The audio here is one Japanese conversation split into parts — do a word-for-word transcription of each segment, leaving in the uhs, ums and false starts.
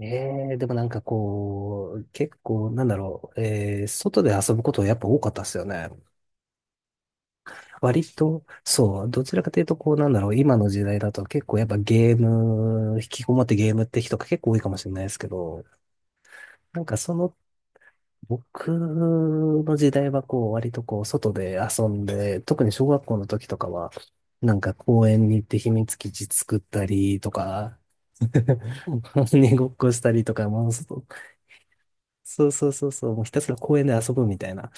ええ、でもなんかこう、結構、なんだろう、えー、外で遊ぶことやっぱ多かったっすよね。割と、そう、どちらかというと、こう、なんだろう、今の時代だと結構やっぱゲーム、引きこもってゲームって人が結構多いかもしれないですけど、なんかその、僕の時代はこう、割とこう、外で遊んで、特に小学校の時とかは、なんか公園に行って秘密基地作ったりとか、う鬼ごっこしたりとか、もう外そうそうそうそう、もうひたすら公園で遊ぶみたいな、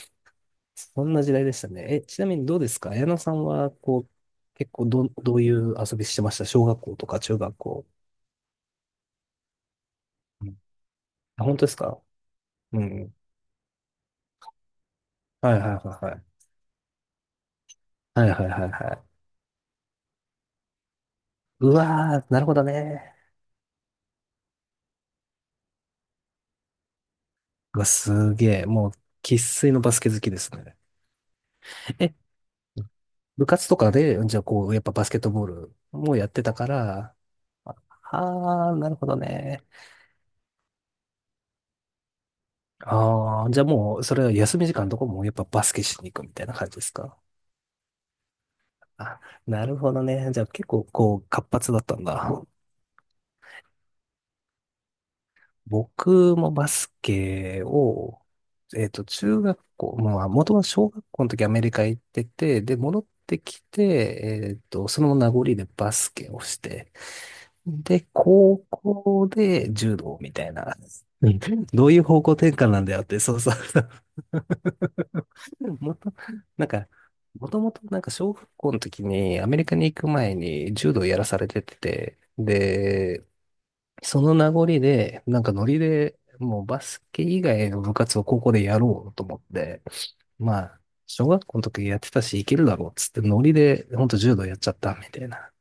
そんな時代でしたね。え、ちなみにどうですか綾野さんは、こう、結構ど、どういう遊びしてました小学校とか中学校。うんあ、本当ですかうん。はいはいはいはい。はいはいはいはい。うわー、なるほどね。うわ、すげえ。もう、生粋のバスケ好きですね。え、部活とかで、じゃあこう、やっぱバスケットボールもやってたから、ああー、なるほどね。ああ、じゃあもう、それは休み時間とかもやっぱバスケしに行くみたいな感じですかあ、なるほどね。じゃあ結構こう活発だったんだ。僕もバスケを、えっと、中学校、まあ、もともと小学校の時アメリカ行ってて、で、戻ってきて、えっと、その名残でバスケをして、で、高校で柔道みたいな。うんどういう方向転換なんだよって、そうそう。もと、なんか、もともとなんか小学校の時にアメリカに行く前に柔道やらされてて、で、その名残で、なんかノリでもうバスケ以外の部活を高校でやろうと思って、まあ、小学校の時やってたし、いけるだろうっつってノリで、ほんと柔道やっちゃったみたいな。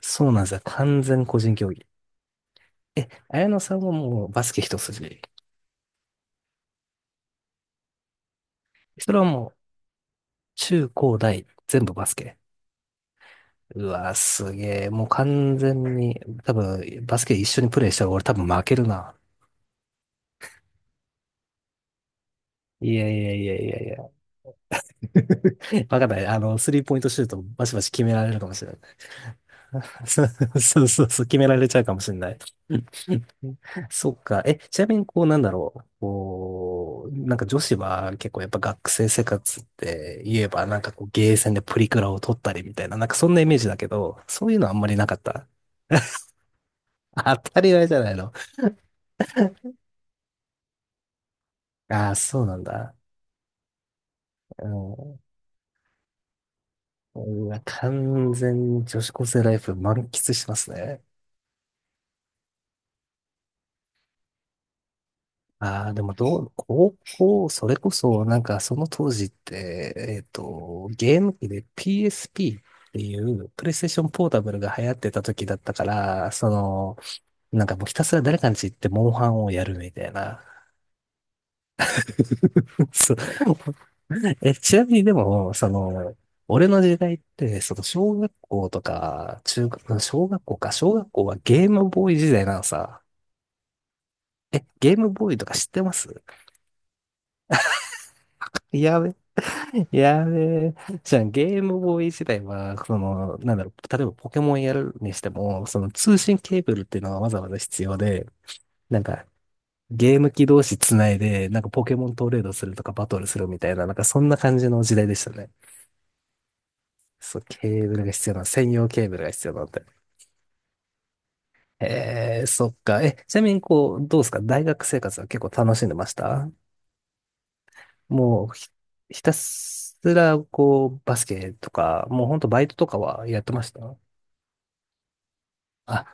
そうなんですよ。完全個人競技。え、綾野さんはもうバスケ一筋。それはもう中高大全部バスケ。うわ、すげえ。もう完全に、多分、バスケ一緒にプレイしたら俺多分負けるな。いやいやいやいやいや。わかんない。あの、スリーポイントシュートバシバシ決められるかもしれない。そうそうそうそう、決められちゃうかもしれない。そっか。え、ちなみにこうなんだろう。こう、なんか女子は結構やっぱ学生生活って言えばなんかこうゲーセンでプリクラを撮ったりみたいな、なんかそんなイメージだけど、そういうのあんまりなかった。当たり前じゃないの。ああ、そうなんだ。うん。うわ、完全に女子高生ライフ満喫してますね。ああ、でもどう、高校、それこそ、なんかその当時って、えっと、ゲーム機で ピーエスピー っていうプレイステーションポータブルが流行ってた時だったから、その、なんかもうひたすら誰かんち行ってモンハンをやるみたいな。そう。え、ちなみにでも、その、俺の時代って、その小学校とか、中学、小学校か、小学校はゲームボーイ時代なのさ。え、ゲームボーイとか知ってます やべ、やべ。じゃあ、ゲームボーイ時代は、その、なんだろう、例えばポケモンやるにしても、その通信ケーブルっていうのがわざわざ必要で、なんか、ゲーム機同士つないで、なんかポケモントレードするとかバトルするみたいな、なんかそんな感じの時代でしたね。そう、ケーブルが必要なの、専用ケーブルが必要なんだえー、そっか。え、ちなみに、こう、どうですか大学生活は結構楽しんでましたもうひ、ひたすら、こう、バスケとか、もうほんとバイトとかはやってましたあ、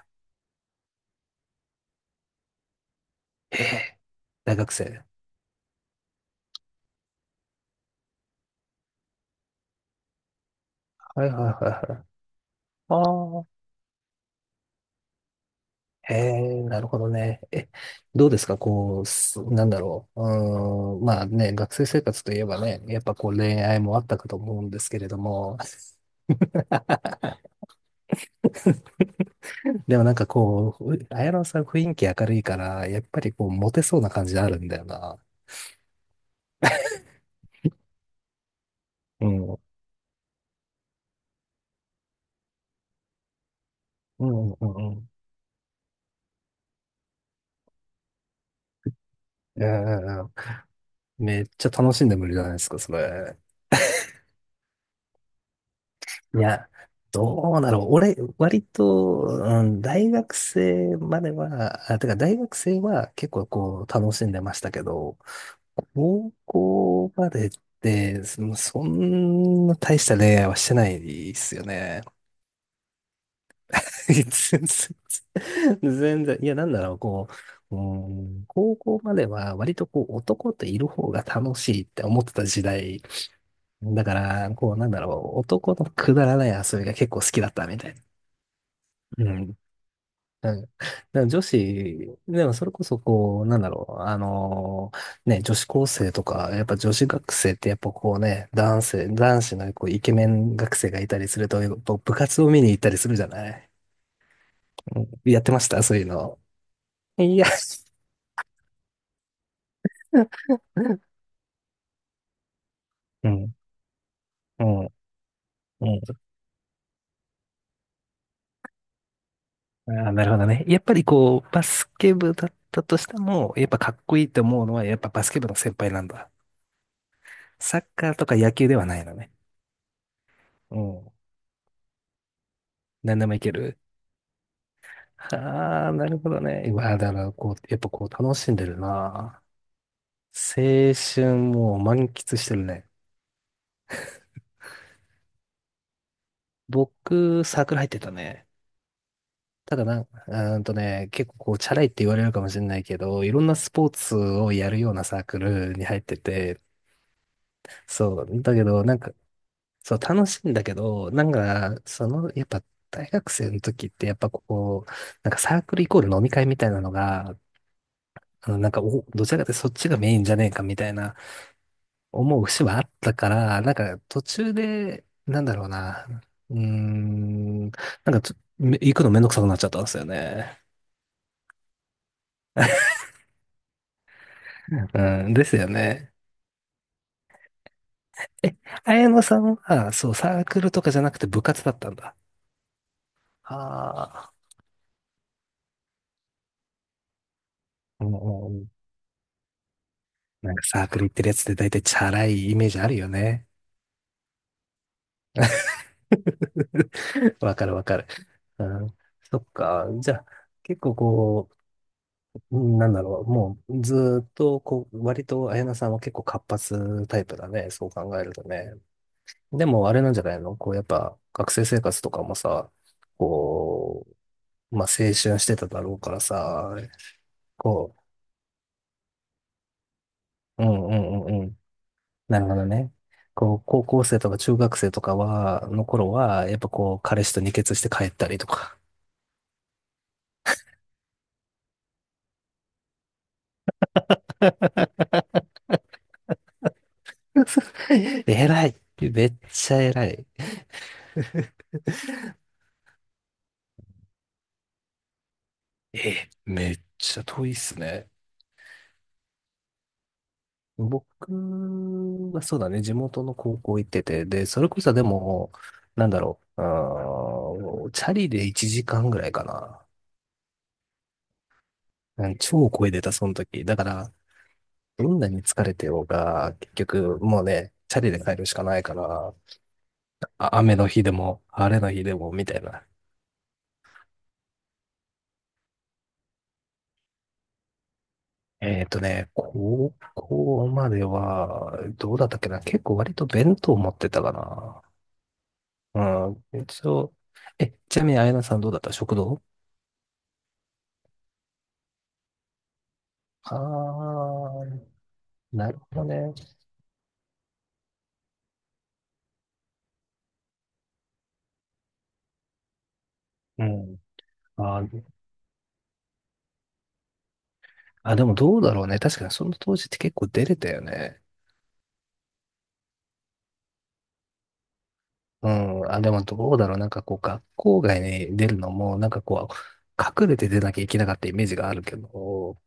へえ、大学生。はいはいはいはい。ああ。へえ、なるほどね。え、どうですかこう、すなんだろう。うーん、まあね、学生生活といえばね、やっぱこう恋愛もあったかと思うんですけれども。でもなんかこう、綾野さん雰囲気明るいから、やっぱりこう、モテそうな感じあるんだよな。うん。うんうんうんうん。うんめっちゃ楽しんでもいいじゃないですか、それ。いや、どうだろう。俺、割と、うん、大学生までは、あ、てか大学生は結構こう、楽しんでましたけど、高校までって、そのそんな大した恋愛はしてないですよね。全然、全然 いや、なんだろう、こう、うん、高校までは割とこう男といる方が楽しいって思ってた時代。だから、こう、なんだろう、男のくだらない遊びが結構好きだったみたいな。うん。なんかだから女子、でもそれこそこう、なんだろう、あのーね、女子高生とか、やっぱ女子学生ってやっぱこうね、男性、男子のこうイケメン学生がいたりすると、やっぱ部活を見に行ったりするじゃないうんやってました、そういうの。いや、うん、うん、うん。あー、なるほどね。やっぱりこう、バスケ部だったとしても、やっぱかっこいいと思うのは、やっぱバスケ部の先輩なんだ。サッカーとか野球ではないのね。うん。何でもいける。ああ、なるほどね。うわ、だからこう、やっぱこう、楽しんでるな。青春もう満喫してるね。僕、サークル入ってたね。ただな、うーんとね、結構こう、チャラいって言われるかもしれないけど、いろんなスポーツをやるようなサークルに入ってて、そう。だけど、なんか、そう、楽しいんだけど、なんか、その、やっぱ、大学生の時って、やっぱこう、なんかサークルイコール飲み会みたいなのが、あのなんか、お、どちらかというとそっちがメインじゃねえかみたいな思う節はあったから、なんか途中で、なんだろうな、うーん、なんかちょ、め行くのめんどくさくなっちゃったんですよね。うん、ですよね。え、綾野さんは、そう、サークルとかじゃなくて部活だったんだ。ああ。なんかサークル行ってるやつって大体チャラいイメージあるよね。わかるわかる。うん、そっか。じゃあ、結構こう、うんなんだろう。もうずーっとこう、割と綾菜さんは結構活発タイプだね。そう考えるとね。でもあれなんじゃないのこうやっぱ学生生活とかもさ、こう、まあ青春してただろうからさ、こう、うんうんうんなるほどね。こう、高校生とか中学生とかは、の頃は、やっぱこう、彼氏と二血して帰ったりとか。偉い。めっちゃ偉い。え、めっちゃ遠いっすね。僕はそうだね、地元の高校行ってて、で、それこそでも、なんだろう、あーチャリでいちじかんぐらいかな。うん超声出た、その時。だから、どんなに疲れてようが、結局、もうね、チャリで帰るしかないから、あ雨の日でも、晴れの日でも、みたいな。えっとね、高校までは、どうだったっけな結構割と弁当持ってたかな。うん、一応。え、ちなみに、あやなさんどうだった食堂あー、なるほどね。うん。あー、あ、でもどうだろうね。確かにその当時って結構出れたよね。うん。あ、でもどうだろう。なんかこう、学校外に出るのも、なんかこう、隠れて出なきゃいけなかったイメージがあるけど、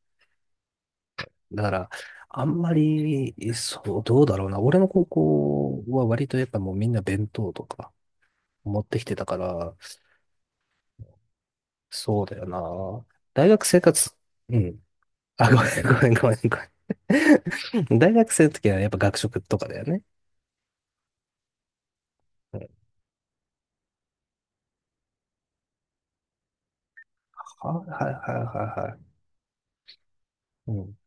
だから、あんまり、そう、どうだろうな。俺の高校は割とやっぱもうみんな弁当とか持ってきてたから、そうだよな。大学生活、うん。あ、ごめん、ごめん、ごめん、ごめん。大学生の時はやっぱ学食とかだよね。うん、はい、はい、はい、はい。うん。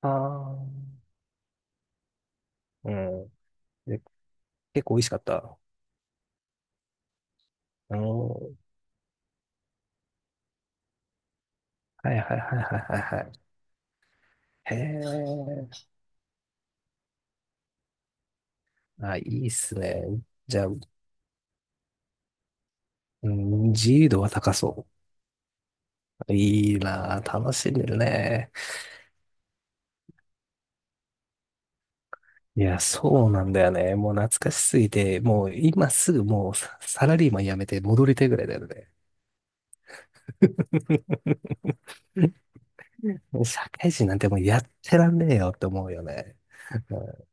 ああ、うん。で、結構美味しかった。あの、はい、はい、はい、はい、はい。はいへえ。あ、いいっすね。じゃあ、うん、自由度は高そう。いいなぁ、楽しんでるね。いや、そうなんだよね。もう懐かしすぎて、もう今すぐもうササラリーマン辞めて戻りたいぐらいだよね。うん社会人なんてもうやってらんねえよって思うよね。うん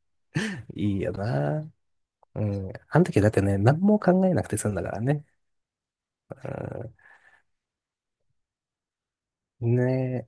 いいよなぁ。うん。あの時だってね、何も考えなくて済んだからね。うん。ね